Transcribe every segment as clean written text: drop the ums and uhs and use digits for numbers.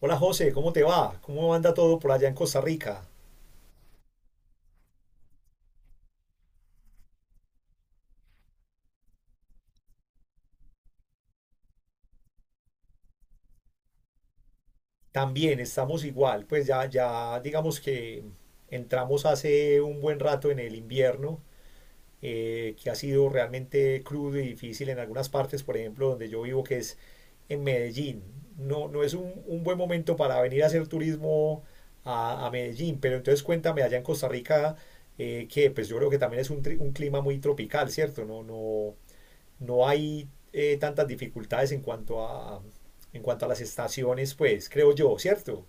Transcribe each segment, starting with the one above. Hola José, ¿cómo te va? ¿Cómo anda todo por allá en Costa Rica? También estamos igual, pues ya digamos que entramos hace un buen rato en el invierno, que ha sido realmente crudo y difícil en algunas partes, por ejemplo, donde yo vivo, que es en Medellín. No, no es un buen momento para venir a hacer turismo a Medellín, pero entonces cuéntame allá en Costa Rica, que pues yo creo que también es un, un clima muy tropical, ¿cierto? No, no, no hay tantas dificultades en cuanto a las estaciones, pues creo yo, ¿cierto?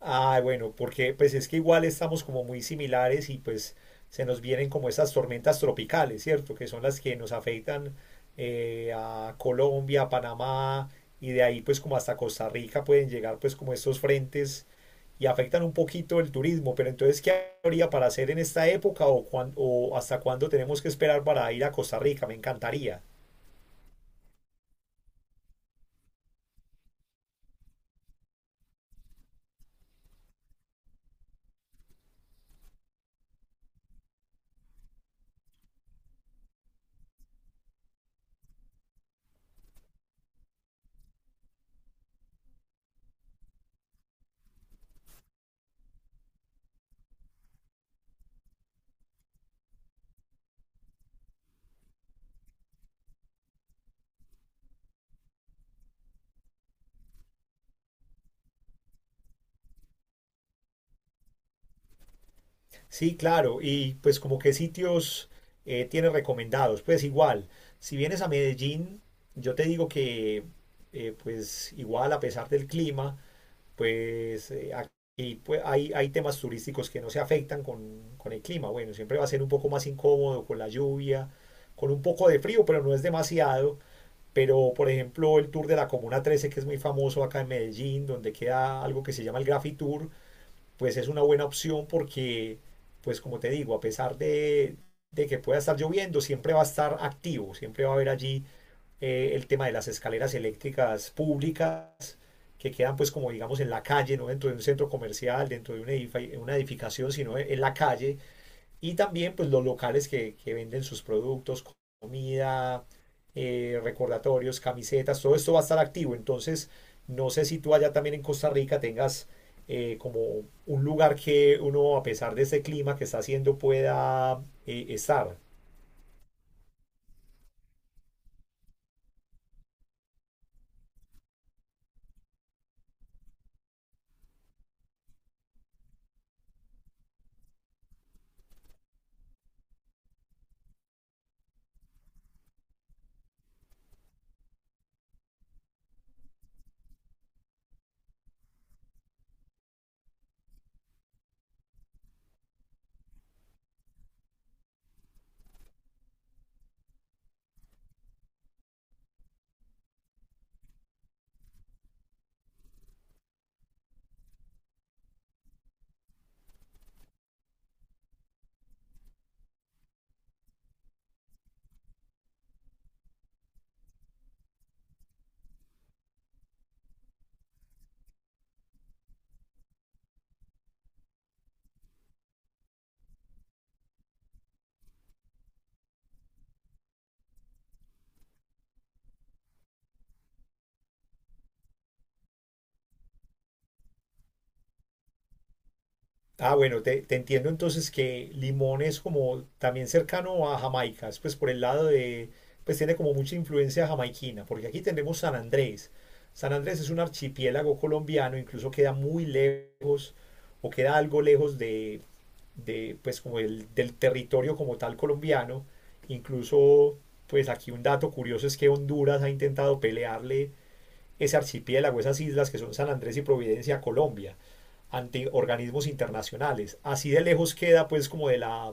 Ah, bueno, porque pues es que igual estamos como muy similares y pues se nos vienen como esas tormentas tropicales, ¿cierto? Que son las que nos afectan a Colombia, a Panamá y de ahí pues como hasta Costa Rica pueden llegar pues como estos frentes y afectan un poquito el turismo, pero entonces ¿qué habría para hacer en esta época o, o hasta cuándo tenemos que esperar para ir a Costa Rica? Me encantaría. Sí, claro, y pues como qué sitios tienes recomendados, pues igual, si vienes a Medellín, yo te digo que pues igual a pesar del clima, pues aquí pues, hay temas turísticos que no se afectan con el clima, bueno, siempre va a ser un poco más incómodo con la lluvia, con un poco de frío, pero no es demasiado, pero por ejemplo el tour de la Comuna 13 que es muy famoso acá en Medellín, donde queda algo que se llama el Graffiti Tour, pues es una buena opción porque, pues como te digo, a pesar de que pueda estar lloviendo, siempre va a estar activo, siempre va a haber allí el tema de las escaleras eléctricas públicas que quedan pues como digamos en la calle, no dentro de un centro comercial, dentro de una, una edificación, sino en la calle, y también pues los locales que venden sus productos, comida, recordatorios, camisetas, todo esto va a estar activo. Entonces, no sé si tú allá también en Costa Rica tengas como un lugar que uno, a pesar de ese clima que está haciendo, pueda estar. Ah, bueno, te entiendo entonces que Limón es como también cercano a Jamaica, es pues por el lado de, pues tiene como mucha influencia jamaiquina, porque aquí tenemos San Andrés. San Andrés es un archipiélago colombiano, incluso queda muy lejos o queda algo lejos de pues como el, del territorio como tal colombiano. Incluso, pues aquí un dato curioso es que Honduras ha intentado pelearle ese archipiélago, esas islas que son San Andrés y Providencia, Colombia, ante organismos internacionales. Así de lejos queda pues como de la,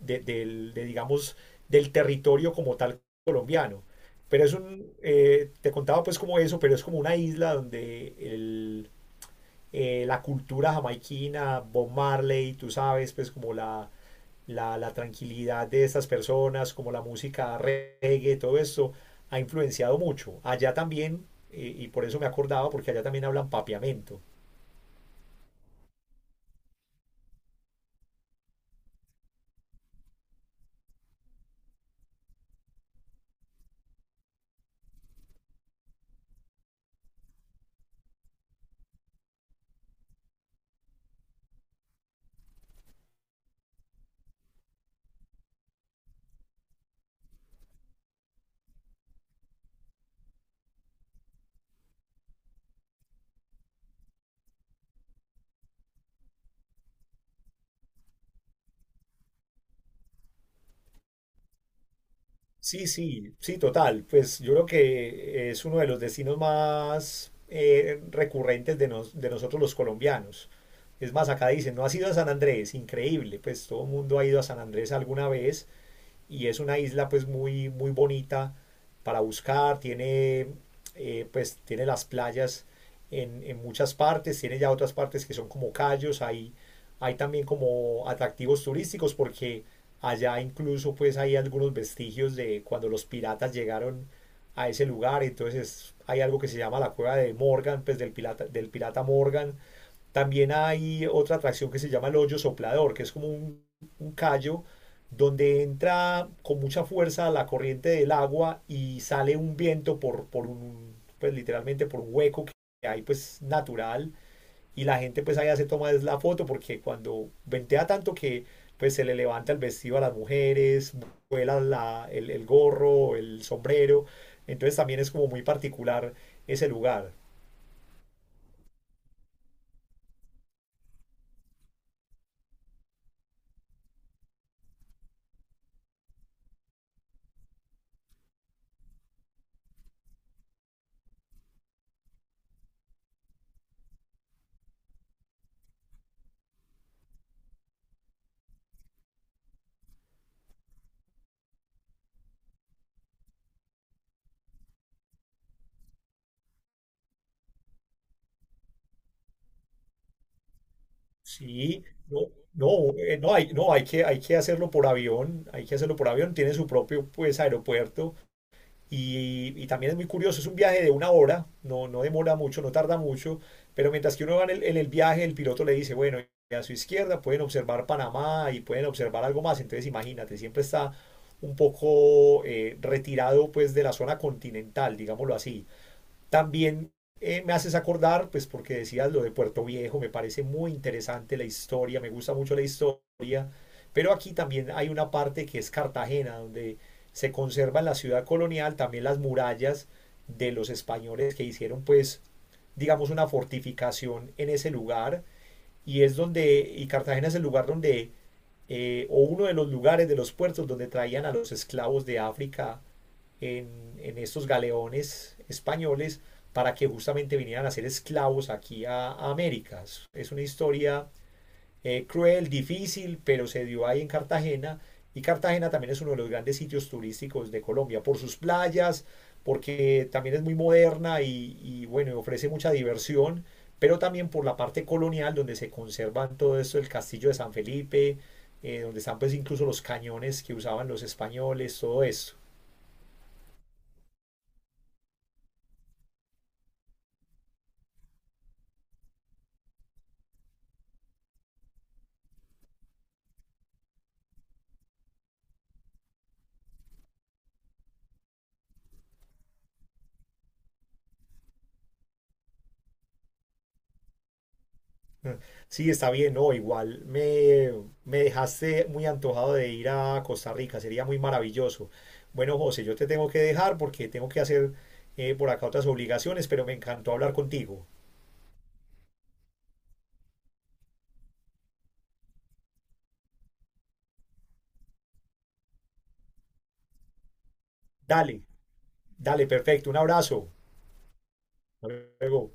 de, del, de, digamos, del territorio como tal colombiano. Pero es un, te contaba pues como eso, pero es como una isla donde el, la cultura jamaiquina, Bob Marley, tú sabes, pues como la, la tranquilidad de estas personas, como la música reggae, todo esto, ha influenciado mucho. Allá también, y por eso me acordaba, porque allá también hablan papiamento. Sí, sí, sí, total. Pues yo creo que es uno de los destinos más recurrentes de, de nosotros los colombianos. Es más, acá dicen, no has ido a San Andrés, increíble, pues todo el mundo ha ido a San Andrés alguna vez y es una isla pues muy, muy bonita para buscar, tiene pues tiene las playas en, muchas partes, tiene ya otras partes que son como callos, hay también como atractivos turísticos porque allá incluso pues hay algunos vestigios de cuando los piratas llegaron a ese lugar, entonces hay algo que se llama la cueva de Morgan, pues del pirata Morgan, también hay otra atracción que se llama el hoyo soplador, que es como un callo donde entra con mucha fuerza la corriente del agua y sale un viento por un, pues literalmente por un hueco que hay pues natural y la gente pues allá se toma la foto porque cuando ventea tanto que pues se le levanta el vestido a las mujeres, vuela la, el gorro, el sombrero, entonces también es como muy particular ese lugar. Sí, no, no, no hay, no, hay que hacerlo por avión, hay que hacerlo por avión, tiene su propio pues aeropuerto y también es muy curioso, es un viaje de una hora, no, no demora mucho, no tarda mucho, pero mientras que uno va en el viaje, el piloto le dice, bueno, y a su izquierda pueden observar Panamá y pueden observar algo más, entonces imagínate, siempre está un poco retirado pues de la zona continental, digámoslo así. También me haces acordar, pues porque decías lo de Puerto Viejo, me parece muy interesante la historia, me gusta mucho la historia, pero aquí también hay una parte que es Cartagena, donde se conserva en la ciudad colonial también las murallas de los españoles que hicieron pues digamos una fortificación en ese lugar y es donde y Cartagena es el lugar donde o uno de los lugares de los puertos donde traían a los esclavos de África en estos galeones españoles para que justamente vinieran a ser esclavos aquí a América. Es una historia cruel, difícil, pero se dio ahí en Cartagena. Y Cartagena también es uno de los grandes sitios turísticos de Colombia, por sus playas, porque también es muy moderna y bueno, ofrece mucha diversión, pero también por la parte colonial, donde se conservan todo esto, el castillo de San Felipe, donde están pues incluso los cañones que usaban los españoles, todo eso. Sí, está bien, no, igual me, me dejaste muy antojado de ir a Costa Rica, sería muy maravilloso. Bueno, José, yo te tengo que dejar porque tengo que hacer por acá otras obligaciones, pero me encantó hablar contigo. Dale, dale, perfecto, un abrazo. Hasta luego.